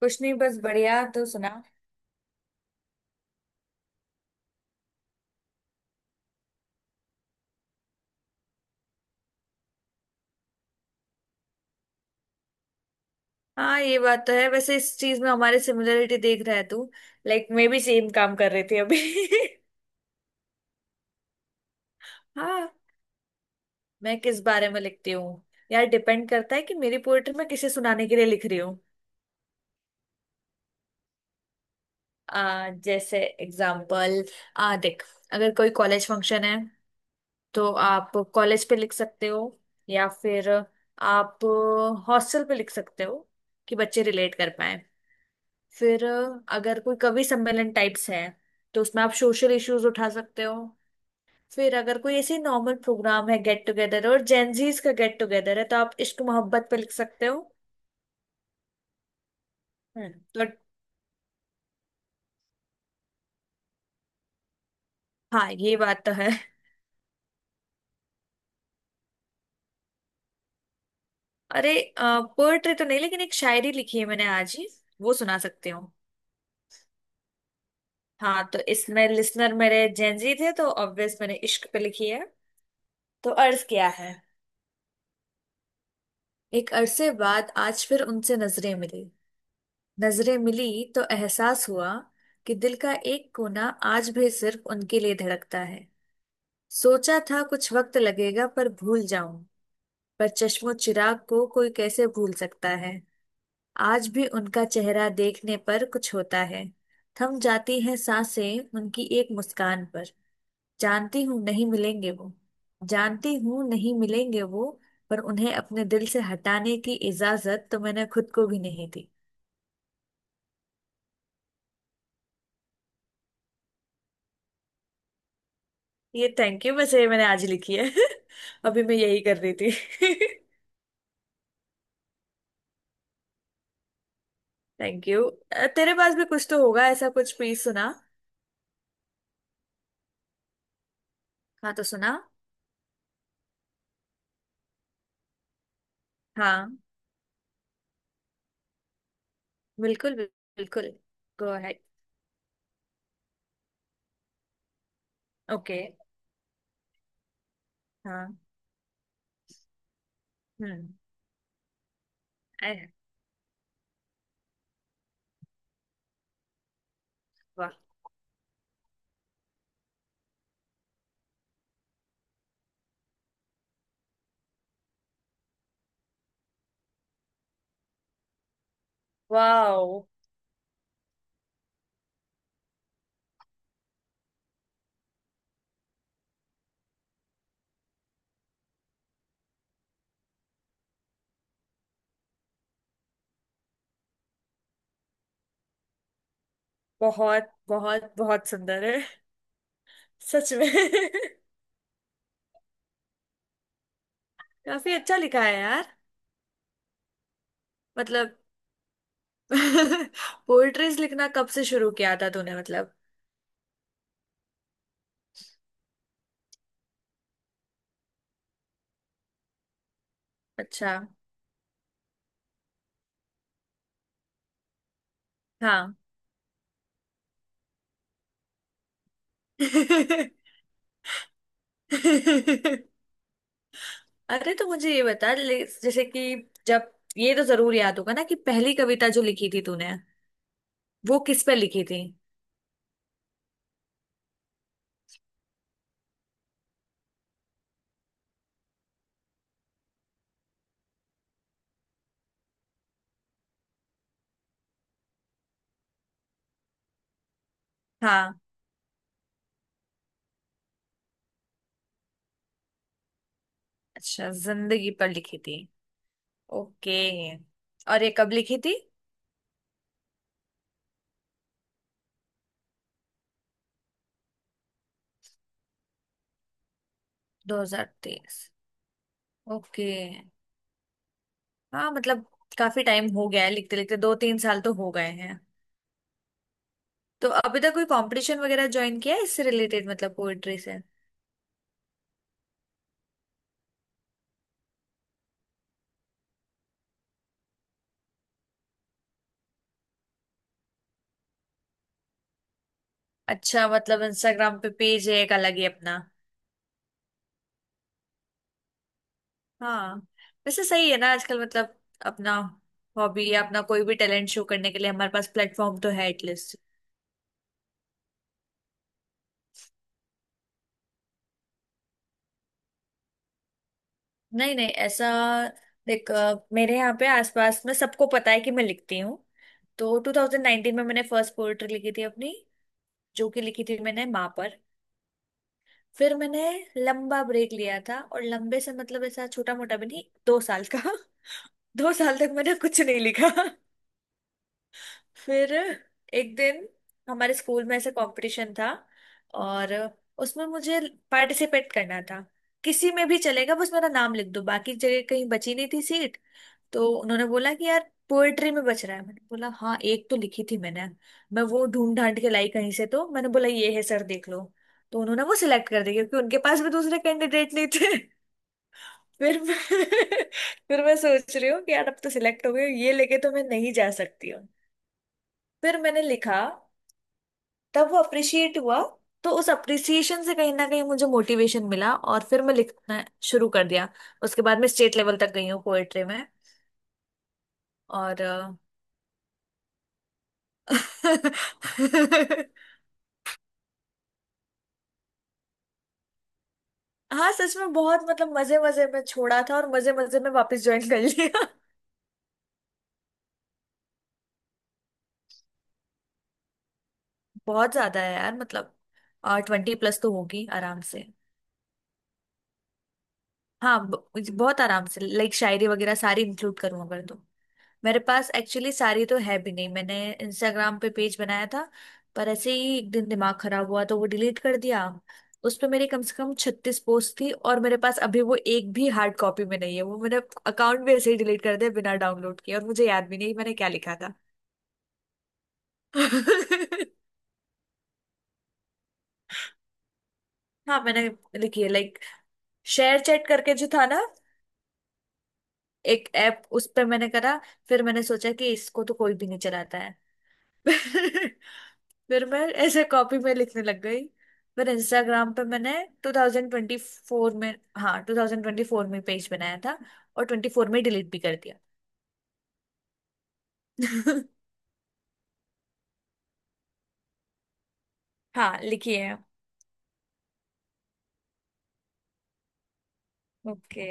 कुछ नहीं बस बढ़िया। तो सुना। हाँ ये बात तो है। वैसे इस चीज में हमारे सिमिलरिटी देख रहा है तू। लाइक मैं भी सेम काम कर रही थी अभी। हाँ मैं किस बारे में लिखती हूँ। यार डिपेंड करता है कि मेरी पोएट्री मैं किसे सुनाने के लिए लिख रही हूँ। जैसे एग्जाम्पल। आ देख अगर कोई कॉलेज फंक्शन है तो आप कॉलेज पे लिख सकते हो। या फिर आप हॉस्टल पे लिख सकते हो कि बच्चे रिलेट कर पाए। फिर अगर कोई कवि सम्मेलन टाइप्स है तो उसमें आप सोशल इश्यूज उठा सकते हो। फिर अगर कोई ऐसे नॉर्मल प्रोग्राम है गेट टुगेदर और जेंजीज का गेट टुगेदर है तो आप इश्क मोहब्बत पे लिख सकते हो। हम्म, तो हाँ ये बात तो है। अरे पोएट्री तो नहीं लेकिन एक शायरी लिखी है मैंने आज ही। वो सुना सकती। हाँ तो इसमें लिसनर मेरे जेंजी थे तो ऑब्वियस मैंने इश्क पे लिखी है। तो अर्ज किया है। एक अरसे बाद आज फिर उनसे नजरें मिली। नजरें मिली तो एहसास हुआ कि दिल का एक कोना आज भी सिर्फ उनके लिए धड़कता है। सोचा था कुछ वक्त लगेगा पर भूल जाऊं। पर चश्मो चिराग को कोई कैसे भूल सकता है। आज भी उनका चेहरा देखने पर कुछ होता है। थम जाती हैं सांसें उनकी एक मुस्कान पर। जानती हूँ नहीं मिलेंगे वो। जानती हूँ नहीं मिलेंगे वो। पर उन्हें अपने दिल से हटाने की इजाजत तो मैंने खुद को भी नहीं दी। ये थैंक यू। वैसे ये मैंने आज लिखी है। अभी मैं यही कर रही थी। Thank you. तेरे पास भी कुछ तो होगा ऐसा कुछ प्लीज सुना। हाँ तो सुना। हाँ बिल्कुल बिल्कुल। Go ahead. ओके। हाँ। हम्म। अरे, वाह। वाओ। बहुत बहुत बहुत सुंदर है सच में। काफी अच्छा लिखा है यार। मतलब पोएट्रीज लिखना कब से शुरू किया था तूने मतलब। अच्छा। हाँ। अरे तो मुझे ये जैसे कि जब ये तो जरूर याद होगा ना कि पहली कविता जो लिखी थी तूने वो किस पर लिखी थी। हाँ। अच्छा जिंदगी पर लिखी थी। ओके। और ये कब लिखी थी। 2023। ओके। हाँ मतलब काफी टाइम हो गया है लिखते लिखते दो तीन साल तो हो गए। तो अभी तक कोई कंपटीशन वगैरह ज्वाइन किया है इससे रिलेटेड मतलब पोएट्री से। अच्छा मतलब इंस्टाग्राम पे पेज है एक अलग ही अपना। हाँ। वैसे सही है ना आजकल मतलब अपना हॉबी या अपना कोई भी टैलेंट शो करने के लिए हमारे पास प्लेटफॉर्म तो है एटलीस्ट। नहीं नहीं ऐसा देख मेरे यहाँ पे आसपास में सबको पता है कि मैं लिखती हूँ। तो 2019 में मैंने फर्स्ट पोएट्री लिखी थी अपनी जो कि लिखी थी मैंने माँ पर। फिर मैंने लंबा ब्रेक लिया था और लंबे से मतलब ऐसा छोटा मोटा भी नहीं दो साल का। दो साल तक मैंने कुछ नहीं लिखा। फिर एक दिन हमारे स्कूल में ऐसा कंपटीशन था और उसमें मुझे पार्टिसिपेट करना था। किसी में भी चलेगा बस मेरा नाम लिख दो बाकी जगह कहीं बची नहीं थी सीट। तो उन्होंने बोला कि यार पोएट्री में बच रहा है मैंने बोला हाँ एक तो लिखी थी मैंने। मैं वो ढूंढ ढांड के लाई कहीं से तो मैंने बोला ये है सर देख लो। तो उन्होंने वो सिलेक्ट कर दिया क्योंकि उनके पास भी दूसरे कैंडिडेट नहीं थे। फिर मैं फिर मैं सोच रही हूँ कि यार अब तो सिलेक्ट हो गई ये लेके तो मैं नहीं जा सकती हूँ। फिर मैंने लिखा। तब वो अप्रिशिएट हुआ। तो उस अप्रिसिएशन से कहीं ना कहीं मुझे मोटिवेशन मिला और फिर मैं लिखना शुरू कर दिया। उसके बाद मैं स्टेट लेवल तक गई हूँ पोएट्री में। और हाँ सच में बहुत मतलब मजे मजे में छोड़ा था और मजे मजे में वापस ज्वाइन कर लिया। बहुत ज्यादा है यार मतलब। और 20+ तो होगी आराम से। हाँ बहुत आराम से लाइक शायरी वगैरह सारी इंक्लूड करूँ अगर तो। मेरे पास एक्चुअली सारी तो है भी नहीं। मैंने इंस्टाग्राम पे पेज बनाया था पर ऐसे ही एक दिन दिमाग खराब हुआ तो वो डिलीट कर दिया। उस पे मेरे कम से कम 36 पोस्ट थी और मेरे पास अभी वो एक भी हार्ड कॉपी में नहीं है। वो मैंने अकाउंट भी ऐसे ही डिलीट कर दिया बिना डाउनलोड किए और मुझे याद भी नहीं मैंने क्या लिखा था। हाँ मैंने लिखी है लाइक शेयर चैट करके जो था ना एक ऐप उस पे मैंने करा। फिर मैंने सोचा कि इसको तो कोई भी नहीं चलाता है। फिर मैं ऐसे कॉपी में लिखने लग गई। फिर इंस्टाग्राम पे मैंने 2024 में हाँ 2024 में पेज बनाया था और 24 में डिलीट भी कर दिया। हाँ लिखिए। ओके।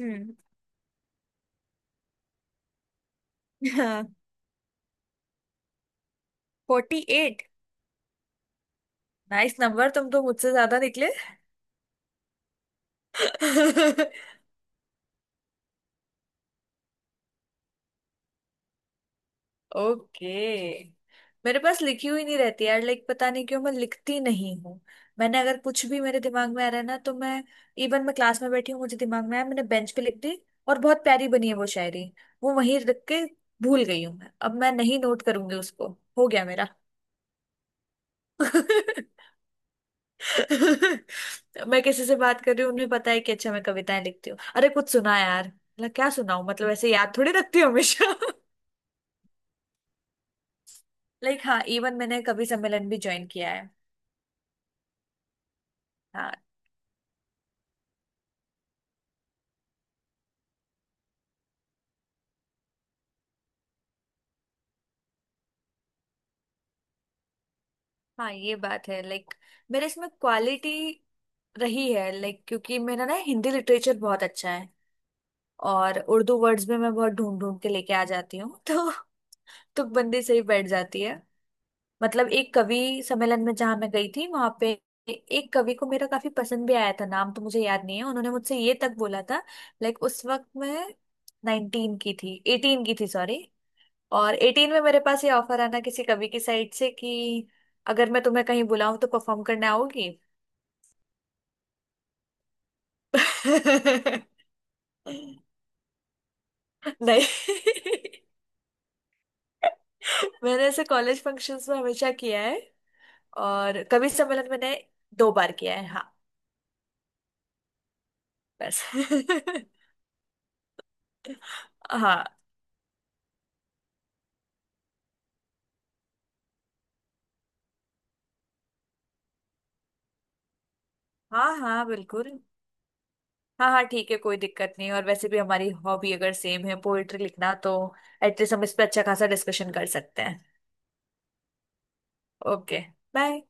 हम्म। हाँ। 48। नाइस नंबर तुम तो मुझसे ज्यादा निकले। ओके। मेरे पास लिखी हुई नहीं रहती यार लाइक पता नहीं क्यों मैं लिखती नहीं हूँ। मैंने अगर कुछ भी मेरे दिमाग में आ रहा है ना तो मैं इवन मैं क्लास में बैठी हूँ मुझे दिमाग में आया मैंने बेंच पे लिख दी और बहुत प्यारी बनी है वो शायरी। वो वहीं रख के भूल गई हूँ मैं। अब मैं नहीं नोट करूंगी उसको। हो गया मेरा। मैं किसी से बात कर रही हूँ उन्हें पता है कि अच्छा मैं कविताएं लिखती हूँ अरे कुछ सुना यार मतलब क्या सुनाऊं मतलब ऐसे याद थोड़ी रखती हूँ हमेशा। लाइक हाँ इवन मैंने कवि सम्मेलन भी ज्वाइन किया है। हाँ हाँ ये बात है लाइक मेरे इसमें क्वालिटी रही है लाइक क्योंकि मेरा ना हिंदी लिटरेचर बहुत अच्छा है। और उर्दू वर्ड्स में मैं बहुत ढूंढ ढूंढ के लेके आ जाती हूँ। तो तुकबंदी से ही बैठ जाती है। मतलब एक कवि सम्मेलन में जहाँ मैं गई थी वहां पे एक कवि को मेरा काफी पसंद भी आया था। नाम तो मुझे याद नहीं है। उन्होंने मुझसे ये तक बोला था। लाइक उस वक्त मैं 19 की थी 18 की थी सॉरी। और 18 में मेरे पास ये ऑफर आना किसी कवि की साइड से कि अगर मैं तुम्हें कहीं बुलाऊं तो परफॉर्म करने आओगी। नहीं। मैंने ऐसे कॉलेज फंक्शंस में हमेशा किया है। और कवि सम्मेलन मैंने दो बार किया है। हाँ बस। हाँ हाँ हाँ बिल्कुल। हाँ हाँ ठीक है कोई दिक्कत नहीं और वैसे भी हमारी हॉबी अगर सेम है पोएट्री लिखना तो एटलीस्ट हम इस पे अच्छा खासा डिस्कशन कर सकते हैं। ओके। बाय।